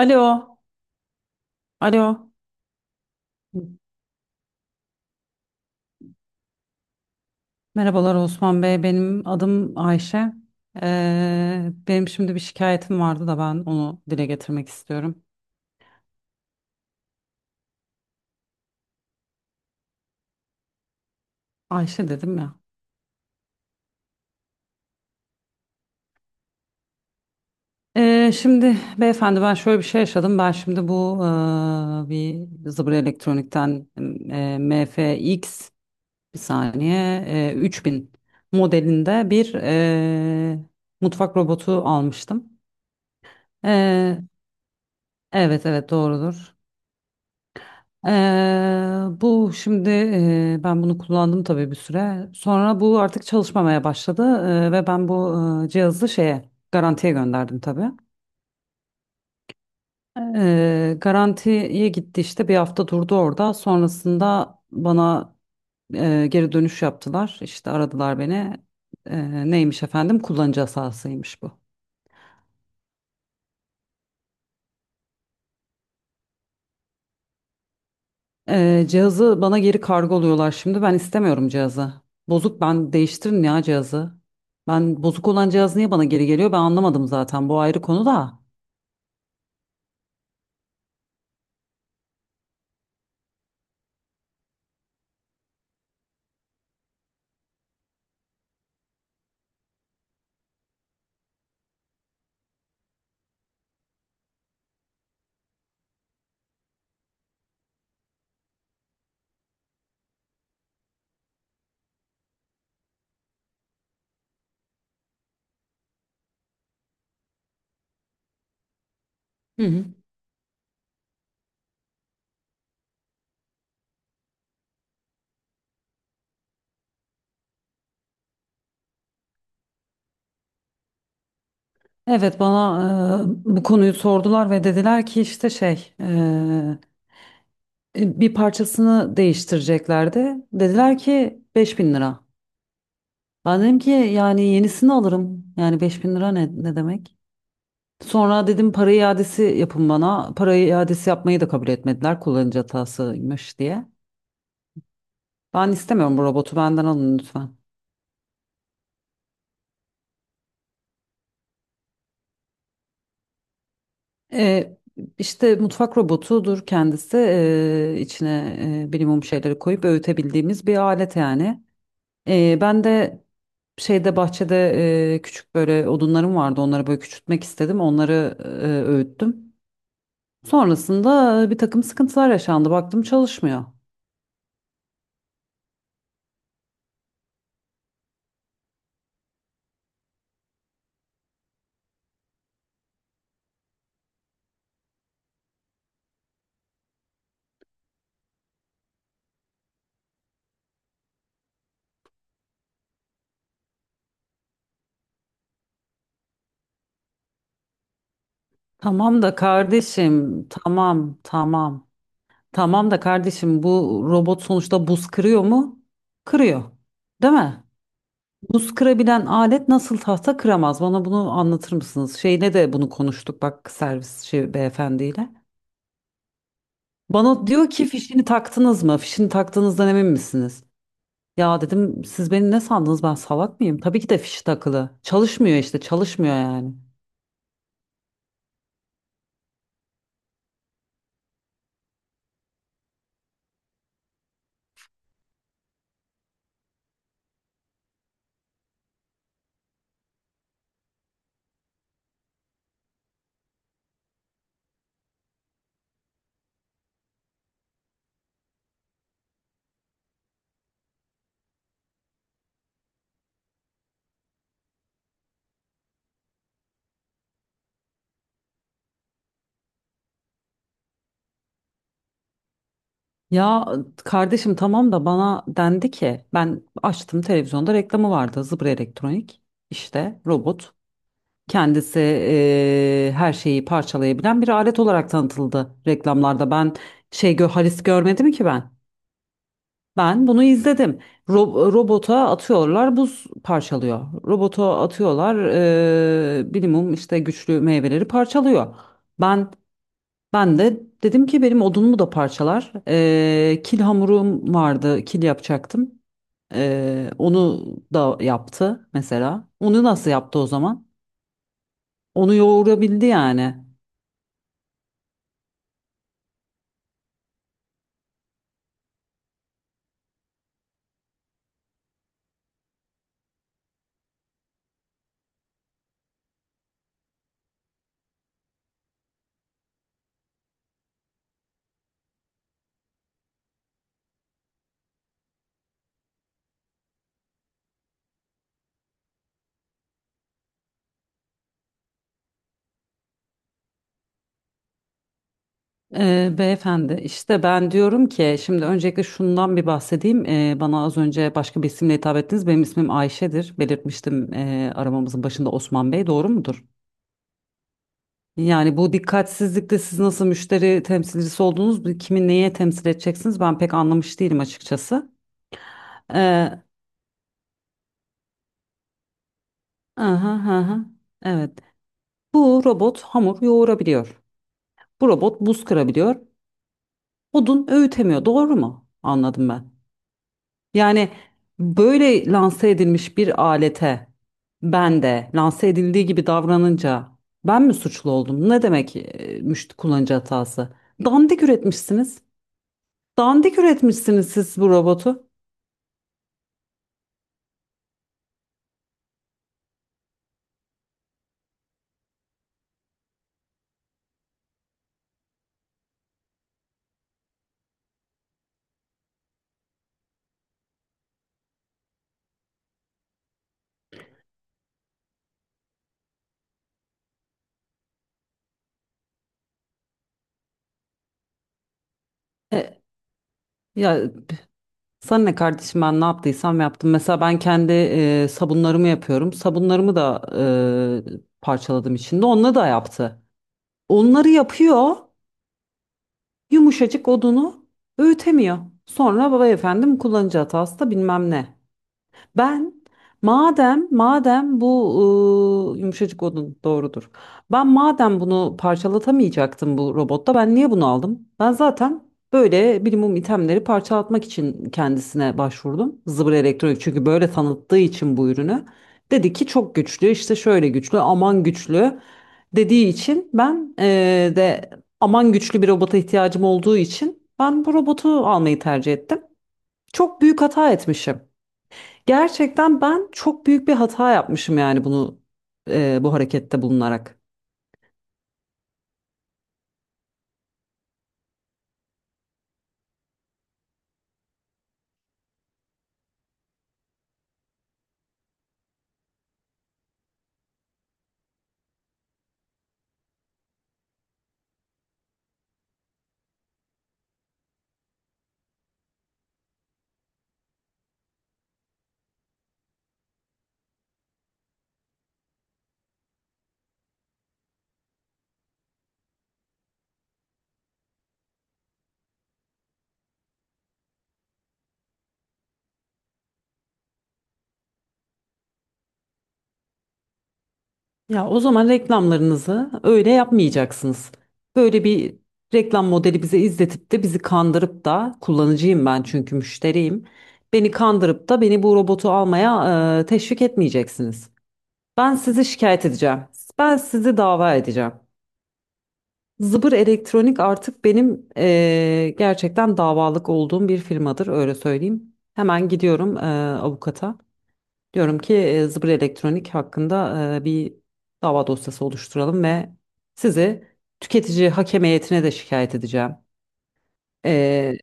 Alo, alo. Merhabalar Osman Bey, benim adım Ayşe. Benim şimdi bir şikayetim vardı da ben onu dile getirmek istiyorum. Ayşe dedim ya. Şimdi beyefendi ben şöyle bir şey yaşadım. Ben şimdi bu bir Zıbır Elektronik'ten MFX, bir saniye, 3.000 modelinde bir mutfak robotu almıştım. Eee, evet evet doğrudur. Bu şimdi ben bunu kullandım tabii bir süre. Sonra bu artık çalışmamaya başladı ve ben bu cihazı şeye garantiye gönderdim tabii. Garantiye gitti işte bir hafta durdu orada. Sonrasında bana geri dönüş yaptılar. İşte aradılar beni. Neymiş efendim? Kullanıcı hatasıymış bu. Cihazı bana geri kargoluyorlar şimdi. Ben istemiyorum cihazı. Bozuk, ben değiştirin ya cihazı. Ben bozuk olan cihaz niye bana geri geliyor? Ben anlamadım zaten. Bu ayrı konu da. Hı hı. Evet, bana bu konuyu sordular ve dediler ki işte şey, bir parçasını değiştireceklerdi. Dediler ki 5.000 lira. Ben dedim ki yani yenisini alırım. Yani 5.000 lira ne demek? Sonra dedim para iadesi yapın bana. Para iadesi yapmayı da kabul etmediler, kullanıcı hatasıymış diye. Ben istemiyorum, bu robotu benden alın lütfen. Ee, işte mutfak robotudur kendisi. İçine bilimum şeyleri koyup öğütebildiğimiz bir alet yani. Ben de şeyde, bahçede küçük böyle odunlarım vardı. Onları böyle küçültmek istedim. Onları öğüttüm. Sonrasında bir takım sıkıntılar yaşandı. Baktım çalışmıyor. Tamam da kardeşim, tamam, tamam. Tamam da kardeşim, bu robot sonuçta buz kırıyor mu? Kırıyor. Değil mi? Buz kırabilen alet nasıl tahta kıramaz? Bana bunu anlatır mısınız? Şeyle de bunu konuştuk bak, servis şey, beyefendiyle. Bana diyor ki fişini taktınız mı? Fişini taktığınızdan emin misiniz? Ya dedim siz beni ne sandınız, ben salak mıyım? Tabii ki de fişi takılı. Çalışmıyor işte, çalışmıyor yani. Ya kardeşim, tamam da bana dendi ki, ben açtım televizyonda reklamı vardı, Zıbra Elektronik işte robot kendisi her şeyi parçalayabilen bir alet olarak tanıtıldı reklamlarda. Ben şey gö Halis görmedim ki, ben bunu izledim. Robota atıyorlar, buz parçalıyor, robota atıyorlar, minimum işte güçlü meyveleri parçalıyor. Ben ben de dedim ki benim odunumu da parçalar. Kil hamurum vardı, kil yapacaktım. Onu da yaptı mesela. Onu nasıl yaptı o zaman? Onu yoğurabildi yani. Beyefendi işte ben diyorum ki şimdi öncelikle şundan bir bahsedeyim. Bana az önce başka bir isimle hitap ettiniz. Benim ismim Ayşe'dir. Belirtmiştim aramamızın başında Osman Bey. Doğru mudur? Yani bu dikkatsizlikte siz nasıl müşteri temsilcisi oldunuz, bu kimi neye temsil edeceksiniz, ben pek anlamış değilim açıkçası. Ee, aha, aha, evet. Bu robot hamur yoğurabiliyor. Bu robot buz kırabiliyor. Odun öğütemiyor. Doğru mu? Anladım ben. Yani böyle lanse edilmiş bir alete ben de lanse edildiği gibi davranınca ben mi suçlu oldum? Ne demek müşteri kullanıcı hatası? Dandik üretmişsiniz. Dandik üretmişsiniz siz bu robotu. E, ya sana ne kardeşim, ben ne yaptıysam yaptım. Mesela ben kendi sabunlarımı yapıyorum. Sabunlarımı da parçaladım içinde. Onunla da yaptı. Onları yapıyor. Yumuşacık odunu öğütemiyor. Sonra baba efendim kullanıcı hatası da bilmem ne. Ben madem bu yumuşacık odun doğrudur. Ben madem bunu parçalatamayacaktım bu robotta, ben niye bunu aldım? Ben zaten böyle minimum itemleri parçalatmak için kendisine başvurdum. Zıbır Elektronik, çünkü böyle tanıttığı için bu ürünü. Dedi ki çok güçlü işte, şöyle güçlü, aman güçlü dediği için ben de, aman güçlü bir robota ihtiyacım olduğu için ben bu robotu almayı tercih ettim. Çok büyük hata etmişim. Gerçekten ben çok büyük bir hata yapmışım yani bunu bu harekette bulunarak. Ya o zaman reklamlarınızı öyle yapmayacaksınız. Böyle bir reklam modeli bize izletip de bizi kandırıp da, kullanıcıyım ben çünkü, müşteriyim. Beni kandırıp da beni bu robotu almaya teşvik etmeyeceksiniz. Ben sizi şikayet edeceğim. Ben sizi dava edeceğim. Zıbır Elektronik artık benim gerçekten davalık olduğum bir firmadır, öyle söyleyeyim. Hemen gidiyorum avukata. Diyorum ki Zıbır Elektronik hakkında bir dava dosyası oluşturalım ve sizi tüketici hakem heyetine de şikayet edeceğim. Eee,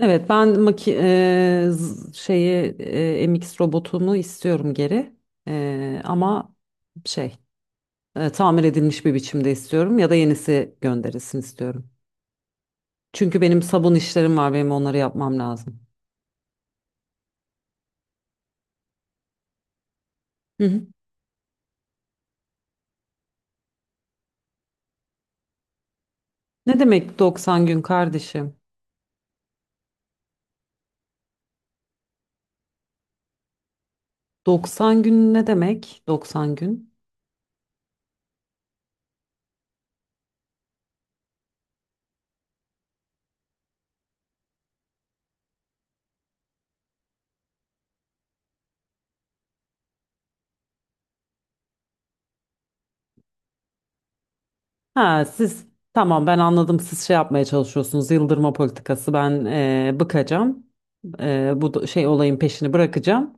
evet ben maki şeyi MX robotumu istiyorum geri. Ama şey, tamir edilmiş bir biçimde istiyorum ya da yenisi gönderilsin istiyorum. Çünkü benim sabun işlerim var, benim onları yapmam lazım. Hı hı. Ne demek 90 gün kardeşim? 90 gün ne demek? 90 gün. Ha siz, tamam ben anladım, siz şey yapmaya çalışıyorsunuz, yıldırma politikası, ben bıkacağım. Şey olayın peşini bırakacağım.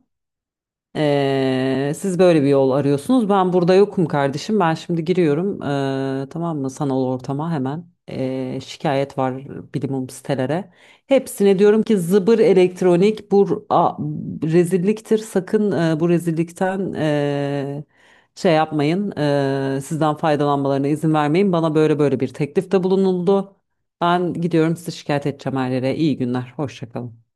Siz böyle bir yol arıyorsunuz. Ben burada yokum kardeşim. Ben şimdi giriyorum. Tamam mı? Sanal ortama hemen. Şikayet var bilimum sitelere. Hepsine diyorum ki Zıbır Elektronik bu rezilliktir. Sakın bu rezillikten şey yapmayın. Sizden faydalanmalarına izin vermeyin. Bana böyle böyle bir teklifte bulunuldu. Ben gidiyorum, sizi şikayet edeceğim her yere. İyi günler. Hoşça kalın.